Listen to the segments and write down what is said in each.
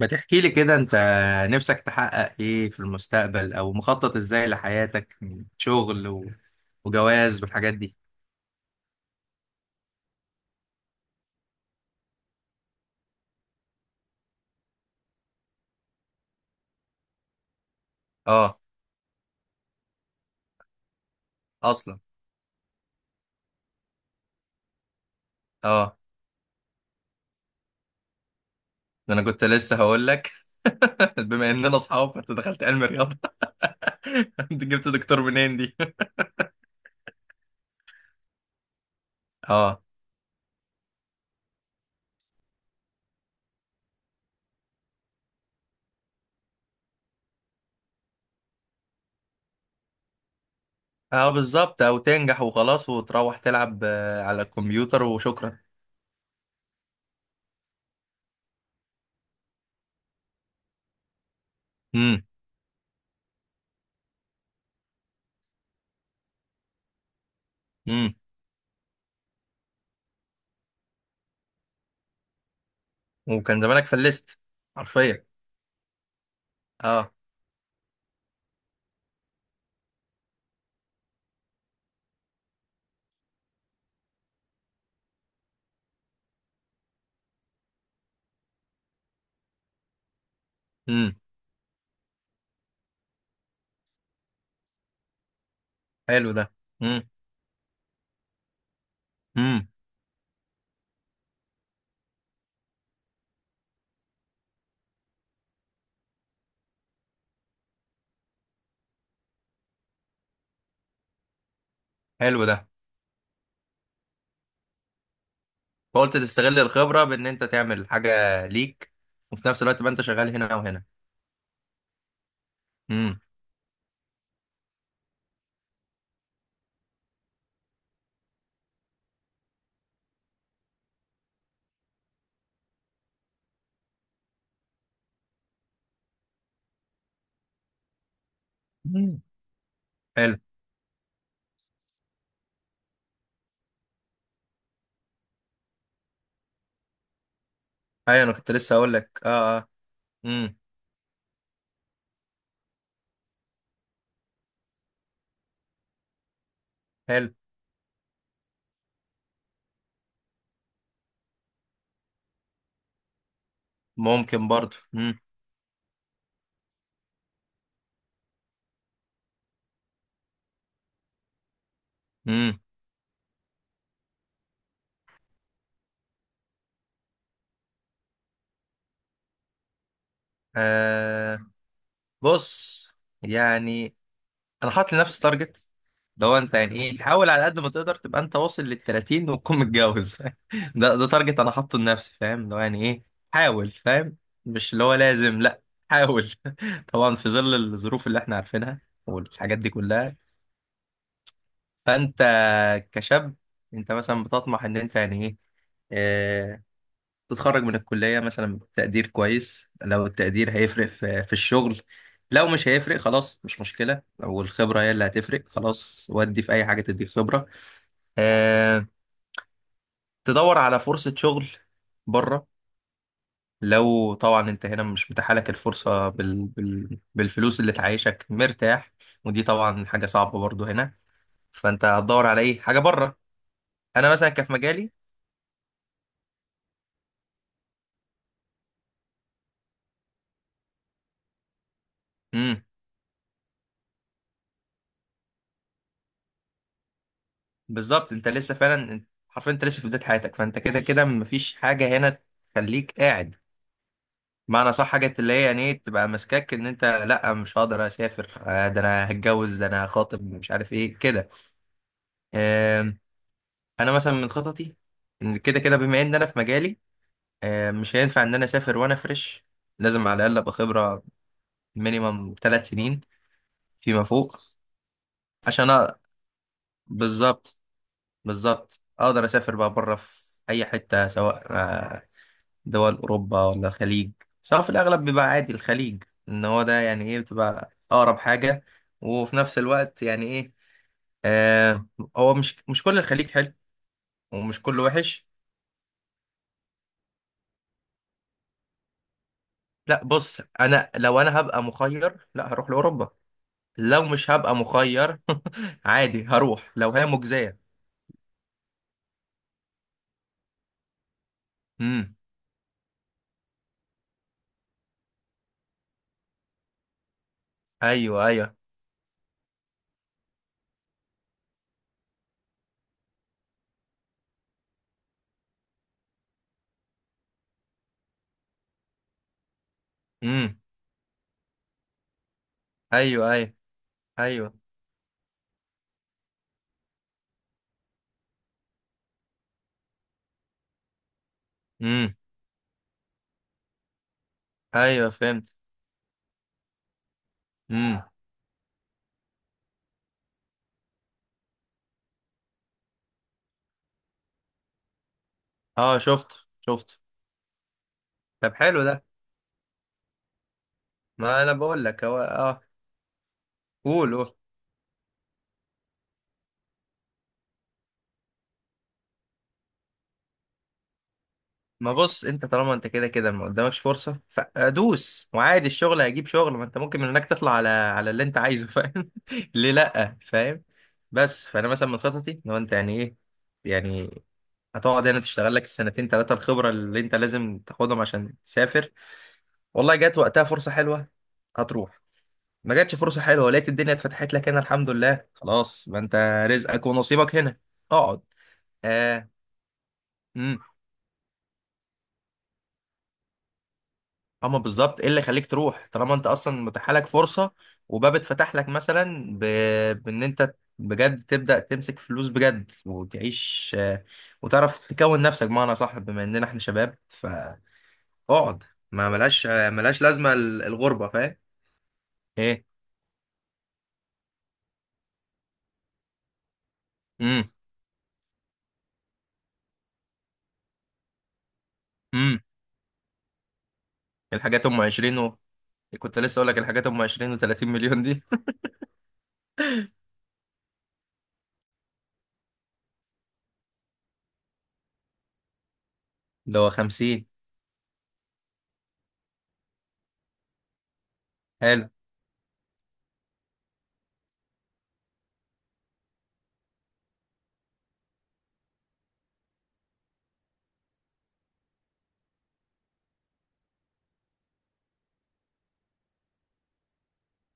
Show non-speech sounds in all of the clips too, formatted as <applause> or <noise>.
ما تحكي لي كده. انت نفسك تحقق ايه في المستقبل، او مخطط ازاي لحياتك من شغل و... وجواز والحاجات دي. اه. اصلا. اه، ده انا كنت لسه هقول لك. <laughs> بما اننا اصحاب، فانت دخلت علم رياضه. <laughs> انت جبت دكتور منين دي؟ <laughs> اه، اه بالظبط. او تنجح وخلاص وتروح تلعب آه، على الكمبيوتر وشكرا. امم، امم. وكان زمانك فلست. حرفيا. اه، امم. حلو ده. امم، امم. حلو ده. فقلت تستغل الخبرة بإن أنت تعمل حاجة ليك، وفي نفس الوقت بقى أنت شغال هنا وهنا. امم. مم. حلو. أيوة أنا كنت لسه أقول لك. أه أه. امم. حلو. ممكن برضه. امم، امم. آه. بص، يعني أنا حاطط لنفسي تارجت. لو انت يعني ايه، حاول على قد ما تقدر تبقى انت واصل لل 30 وتكون متجوز. <laughs> ده تارجت انا حاطه لنفسي، فاهم. لو يعني ايه، حاول، فاهم. مش اللي هو لازم، لا. حاول. <laughs> طبعا في ظل الظروف اللي احنا عارفينها والحاجات دي كلها. فانت كشاب، انت مثلا بتطمح ان انت يعني ايه آه، تتخرج من الكلية مثلا بتقدير كويس. لو التقدير هيفرق في الشغل، لو مش هيفرق خلاص مش مشكلة. لو الخبرة هي اللي هتفرق، خلاص، ودي في أي حاجة تديك خبرة. آه، تدور على فرصة شغل بره. لو طبعا انت هنا مش متاحة لك الفرصة بالفلوس اللي تعيشك مرتاح، ودي طبعا حاجة صعبة برضو هنا. فانت هتدور على ايه حاجة بره. انا مثلا كان في مجالي. امم. بالظبط. انت لسه فعلا حرفيا انت لسه في بداية حياتك، فانت كده كده مفيش حاجة هنا تخليك قاعد. معنى صح، حاجة اللي هي يعني ايه تبقى ماسكاك ان انت لا مش هقدر اسافر، آه، ده انا هتجوز، ده انا هخاطب، مش عارف ايه كده. انا مثلا من خططي، إن كده كده بما ان انا في مجالي آه، مش هينفع ان انا اسافر وانا فريش. لازم على الاقل ابقى خبره مينيمم ثلاث سنين فيما فوق. عشان بالظبط، بالظبط اقدر اسافر بقى بره في اي حته، سواء آه، دول اوروبا ولا الخليج. سواء في الاغلب بيبقى عادي الخليج، ان هو ده يعني ايه بتبقى اقرب حاجه، وفي نفس الوقت يعني ايه آه، هو مش كل الخليج حلو ومش كله وحش. لا بص، انا لو انا هبقى مخير، لا هروح لاوروبا. لو مش هبقى مخير، <laughs> عادي هروح لو هي مجزية. امم. ايوه ايوه. امم. ايوه ايوه. ايوه. امم. ايوه فهمت. امم. اه شفت شفت. طب حلو ده. ما انا بقول لك هو اه. قول قول. ما بص، انت طالما انت كده كده ما قدامكش فرصة، فادوس، وعادي الشغل هيجيب شغل، ما انت ممكن من هناك تطلع على اللي انت عايزه، فاهم. <laughs> ليه لأ، فاهم. بس فانا مثلا من خططي، لو انت يعني ايه، يعني هتقعد هنا تشتغل لك السنتين ثلاثة الخبرة اللي انت لازم تاخدهم عشان تسافر. والله جات وقتها فرصة حلوة، هتروح. ما جاتش فرصة حلوة، لقيت الدنيا اتفتحت لك هنا، الحمد لله خلاص، ما انت رزقك ونصيبك هنا، اقعد. آه. اما بالظبط، ايه اللي خليك تروح طالما انت اصلا متاح لك فرصه وباب اتفتح لك مثلا ب... بان انت بجد تبدا تمسك فلوس بجد وتعيش آه، وتعرف تكون نفسك، بمعنى صح بما اننا احنا شباب، فاقعد. ما ملاش آه، ملاش لازمه الغربه، فاهم. ايه. امم، امم. الحاجات 20 و... كنت لسه اقول لك الحاجات 20 و30 مليون دي. <laughs> اللي هو 50. حلو.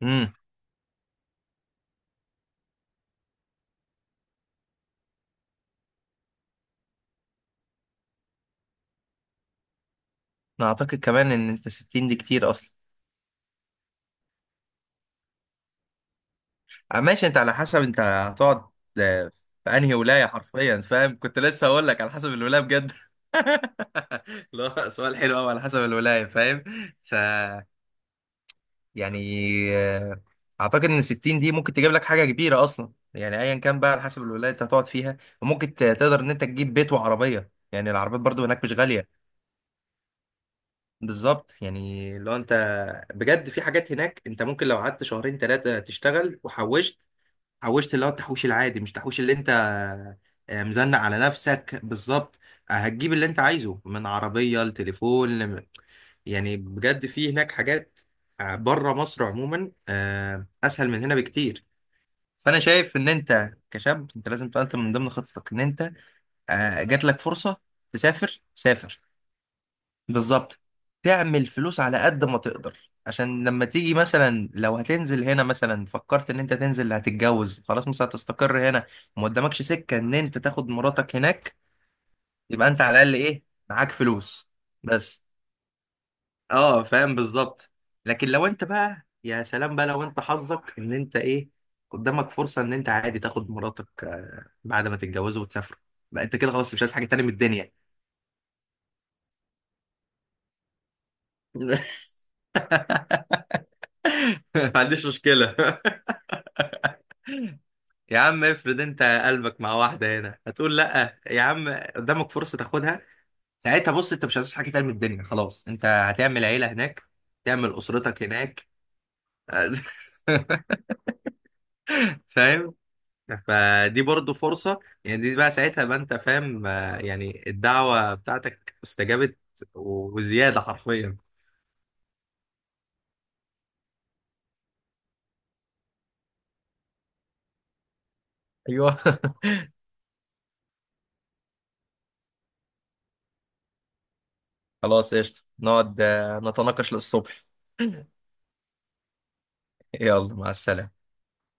امم. انا اعتقد كمان ان انت 60 دي كتير اصلا. آه، ماشي، انت على حسب انت هتقعد آه، في انهي ولايه، حرفيا، فاهم. كنت لسه اقول لك على حسب الولايه، بجد. <laughs> لا، سؤال حلو قوي، على حسب الولايه، فاهم. ف يعني آه، اعتقد ان 60 دي ممكن تجيب لك حاجه كبيره اصلا. يعني ايا كان بقى على حسب الولايه انت هتقعد فيها، وممكن تقدر ان انت تجيب بيت وعربيه. يعني العربيات برضو هناك مش غاليه. بالظبط. يعني لو انت بجد في حاجات هناك انت ممكن لو قعدت شهرين ثلاثه تشتغل وحوشت، حوشت اللي هو التحويش العادي، مش تحويش اللي انت آه، مزنق على نفسك، بالظبط. آه، هتجيب اللي انت عايزه من عربية لتليفون يعني بجد في هناك حاجات آه، بره مصر عموما آه، اسهل من هنا بكتير. فانا شايف ان انت كشاب انت لازم تقدم من ضمن خطتك، ان انت آه، جات لك فرصة تسافر، سافر. بالظبط. تعمل فلوس على قد ما تقدر، عشان لما تيجي مثلا، لو هتنزل هنا مثلا، فكرت ان انت تنزل، هتتجوز، خلاص مثلا هتستقر هنا، وما قدامكش سكة ان انت تاخد مراتك هناك. يبقى انت على الاقل ايه، معاك فلوس، بس. اه فاهم بالظبط. لكن لو انت بقى، يا سلام بقى، لو انت حظك ان انت ايه، قدامك فرصة ان انت عادي تاخد مراتك آه، بعد ما تتجوزوا وتسافروا، بقى انت كده خلاص مش عايز حاجة تاني من الدنيا. <laughs> ما عنديش مشكلة. يا عم افرض انت قلبك مع واحدة هنا، هتقول لا يا عم قدامك فرصة تاخدها؟ ساعتها بص، انت مش هتعيش حاجة تاني من الدنيا، خلاص انت هتعمل عيلة هناك، تعمل أسرتك هناك. <laughs> فاهم. فدي برضو فرصة يعني. دي بقى ساعتها بقى انت فاهم آه، يعني الدعوة بتاعتك استجابت، وزيادة، حرفيا. ايوه. <laughs> خلاص قشطة، نقعد آه، نتناقش للصبح. يلا مع السلامة.